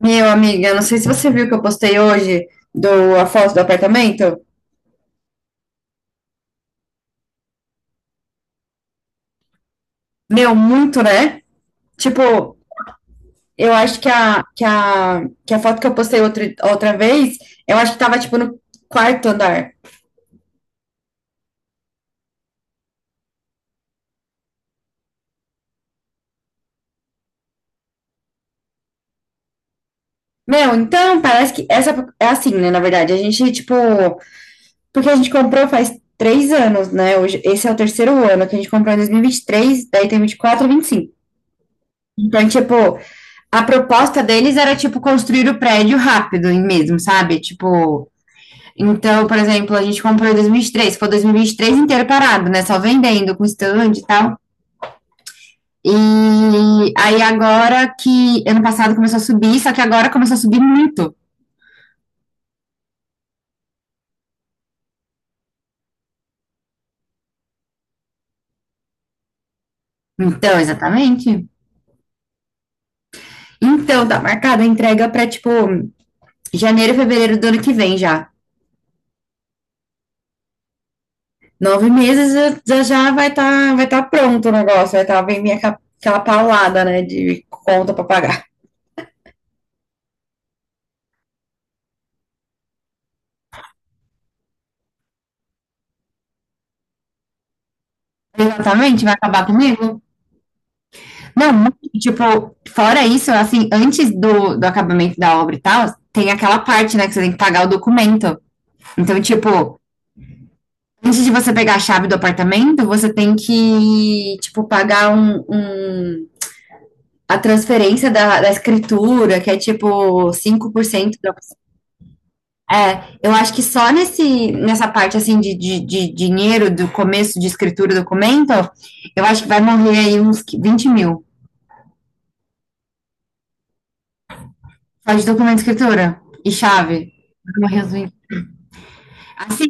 Meu, amiga, não sei se você viu que eu postei hoje a foto do apartamento. Meu, muito, né? Tipo, eu acho que a foto que eu postei outra vez, eu acho que tava, tipo, no quarto andar. Meu, então, parece que essa é assim, né? Na verdade, a gente, tipo, porque a gente comprou faz três anos, né? Hoje, esse é o terceiro ano que a gente comprou em dois mil e vinte e três, daí tem vinte e quatro, vinte e cinco. Então, tipo, a proposta deles era, tipo, construir o prédio rápido mesmo, sabe? Tipo, então, por exemplo, a gente comprou em 2023, foi 2023 inteiro parado, né? Só vendendo com stand e tal. E aí agora que ano passado começou a subir, só que agora começou a subir muito. Então, exatamente. Então, tá marcada a entrega para tipo janeiro, fevereiro do ano que vem já. Nove meses já, vai tá pronto o negócio, vem minha, aquela paulada, né, de conta para pagar. Exatamente, vai acabar comigo. Não, tipo, fora isso, assim, antes do acabamento da obra e tal, tem aquela parte, né, que você tem que pagar o documento. Então, tipo, antes de você pegar a chave do apartamento, você tem que, tipo, pagar a transferência da escritura, que é tipo 5% da... É, eu acho que só nessa parte, assim, de dinheiro, do começo de escritura e documento, eu acho que vai morrer aí uns 20 mil. Só de documento e escritura e chave, uns... Assim,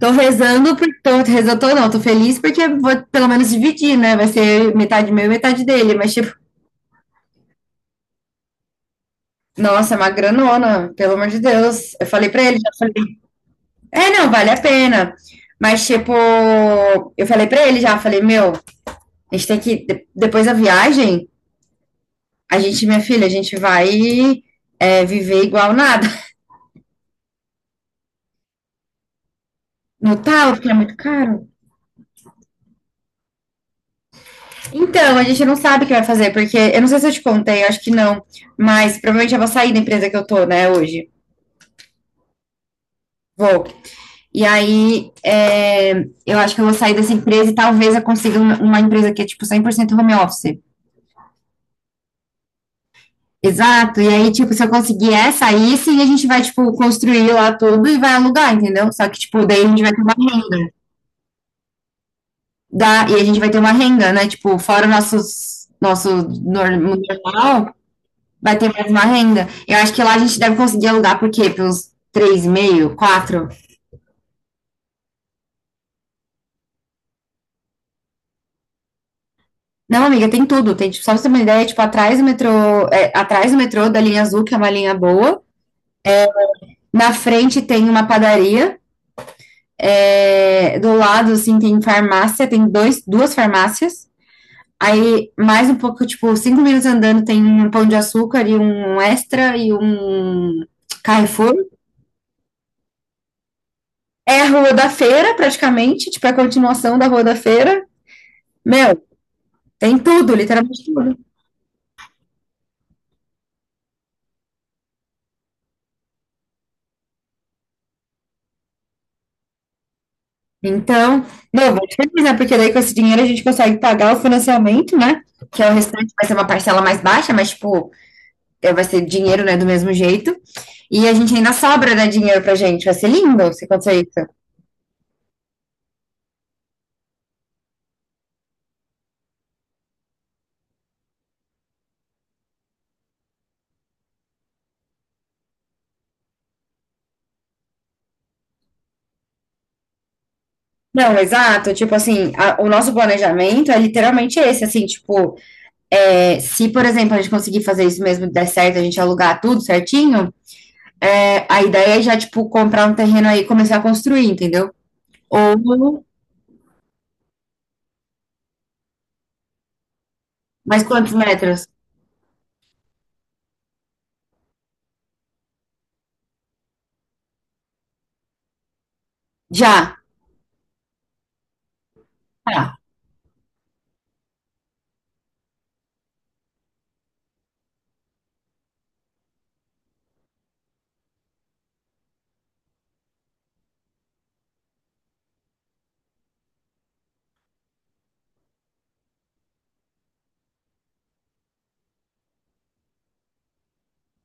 tô rezando, tô não, tô feliz porque vou pelo menos dividir, né? Vai ser metade meu e metade dele, mas tipo, nossa, é uma granona, pelo amor de Deus. Eu falei pra ele, já falei, é, não, vale a pena. Mas tipo, eu falei pra ele já, falei, meu, a gente tem depois da viagem, a gente, minha filha, a gente vai é, viver igual nada. No tal, porque é muito caro. Então, a gente não sabe o que vai fazer, porque eu não sei se eu te contei, eu acho que não, mas provavelmente eu vou sair da empresa que eu tô, né, hoje. Vou. E aí, é, eu acho que eu vou sair dessa empresa e talvez eu consiga uma empresa que é, tipo, 100% home office. Exato. E aí, tipo, se eu conseguir essa, aí sim a gente vai, tipo, construir lá tudo e vai alugar, entendeu? Só que, tipo, daí a gente vai ter uma renda e a gente vai ter uma renda, né? Tipo, fora o nosso normal, vai ter mais uma renda. Eu acho que lá a gente deve conseguir alugar, por quê? Pelos três e meio, quatro... Não, amiga, tem tudo. Tem, tipo, só pra você ter uma ideia, tipo, atrás do metrô, é, atrás do metrô da linha azul, que é uma linha boa. Na frente tem uma padaria. É, do lado, assim, tem farmácia, tem duas farmácias. Aí, mais um pouco, tipo, cinco minutos andando, tem um Pão de Açúcar e um Extra e um Carrefour. É a Rua da Feira, praticamente, tipo, é a continuação da Rua da Feira. Meu, tem tudo, literalmente tudo. Então, meu, vou te avisar, porque daí com esse dinheiro a gente consegue pagar o financiamento, né? Que é o restante, vai ser uma parcela mais baixa, mas, tipo, é, vai ser dinheiro, né, do mesmo jeito. E a gente ainda sobra, né, dinheiro pra gente. Vai ser lindo se acontecer isso. Não, exato. Tipo assim, o nosso planejamento é literalmente esse, assim, tipo, é, se, por exemplo, a gente conseguir fazer isso mesmo, der certo, a gente alugar tudo certinho, é, a ideia é já, tipo, comprar um terreno aí e começar a construir, entendeu? Ou... mas quantos metros? Já. Tá.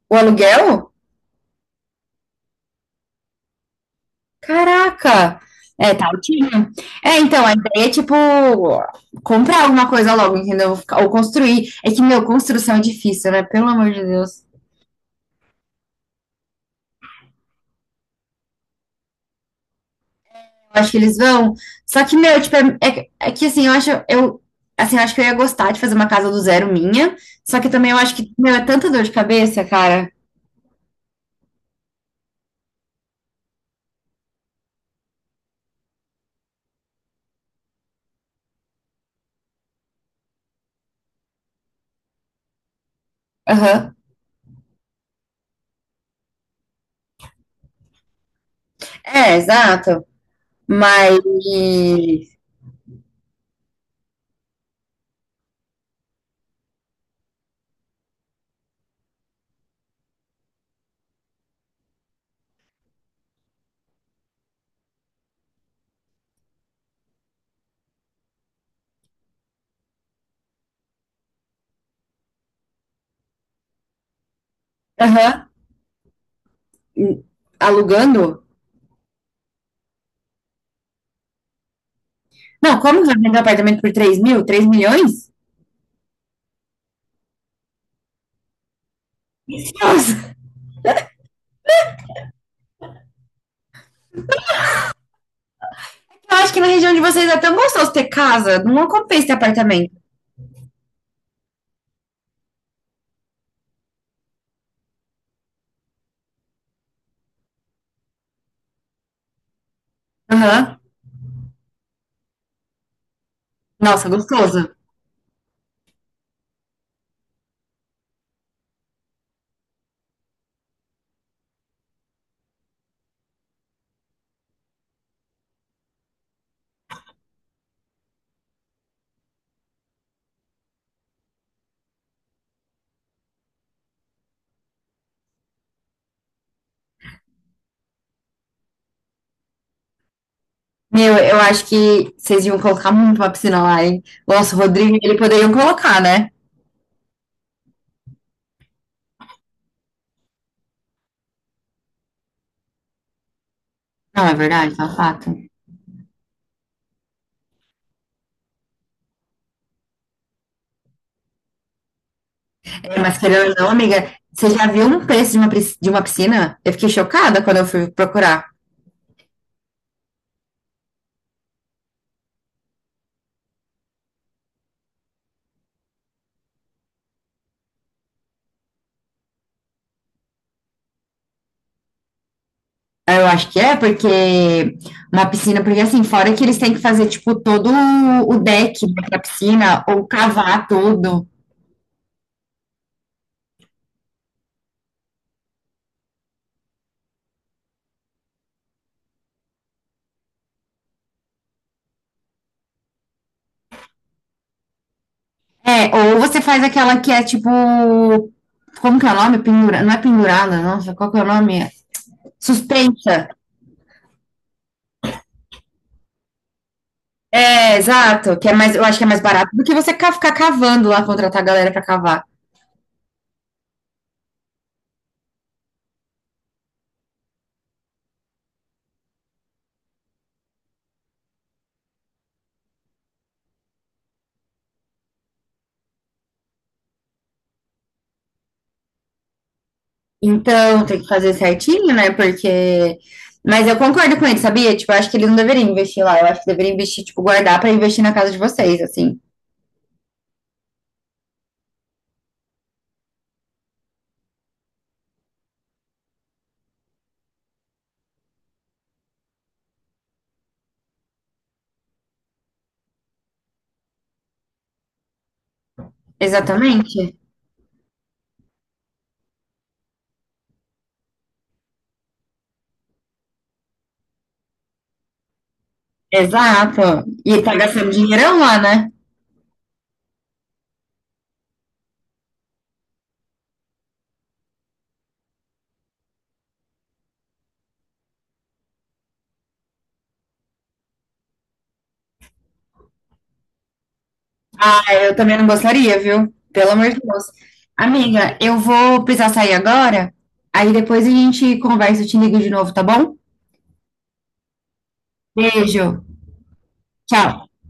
O aluguel? Caraca! É, tá altinho. É, então, a ideia é, tipo, comprar alguma coisa logo, entendeu? Ou construir. É que, meu, construção é difícil, né? Pelo amor de Deus. Eu acho que eles vão. Só que, meu, tipo, assim, assim, eu acho que eu ia gostar de fazer uma casa do zero minha. Só que também eu acho que, meu, é tanta dor de cabeça, cara. Aham. É, exato. Mas... Aham. Alugando? Não, como que vai vender um apartamento por 3 mil? 3 milhões? Delicioso. Eu acho que na região de vocês é tão gostoso ter casa. Não compensa ter apartamento. Aham. Nossa, gostoso. Meu, eu acho que vocês iam colocar muito uma piscina lá, hein? Nossa, o Rodrigo, ele poderiam colocar, né? Não, é verdade, tá fato. É, mas querendo ou não, amiga, você já viu um preço de uma, pris- de uma piscina? Eu fiquei chocada quando eu fui procurar. Eu acho que é, porque uma piscina, porque assim, fora que eles têm que fazer, tipo, todo o deck, né, pra piscina, ou cavar tudo. É, ou você faz aquela que é tipo... Como que é o nome? Pendura... Não é pendurada, nossa, qual que é o nome? Suspensa. É, exato. Que é mais, eu acho que é mais barato do que você ficar cavando lá, contratar a galera pra cavar. Então, tem que fazer certinho, né? Porque... Mas eu concordo com ele, sabia? Tipo, eu acho que eles não deveriam investir lá. Eu acho que deveriam investir, tipo, guardar pra investir na casa de vocês, assim. Exatamente. Exato. E tá gastando dinheirão lá, né? Ah, eu também não gostaria, viu? Pelo amor de Deus. Amiga, eu vou precisar sair agora. Aí depois a gente conversa, eu te ligo de novo, tá bom? Beijo. Tchau.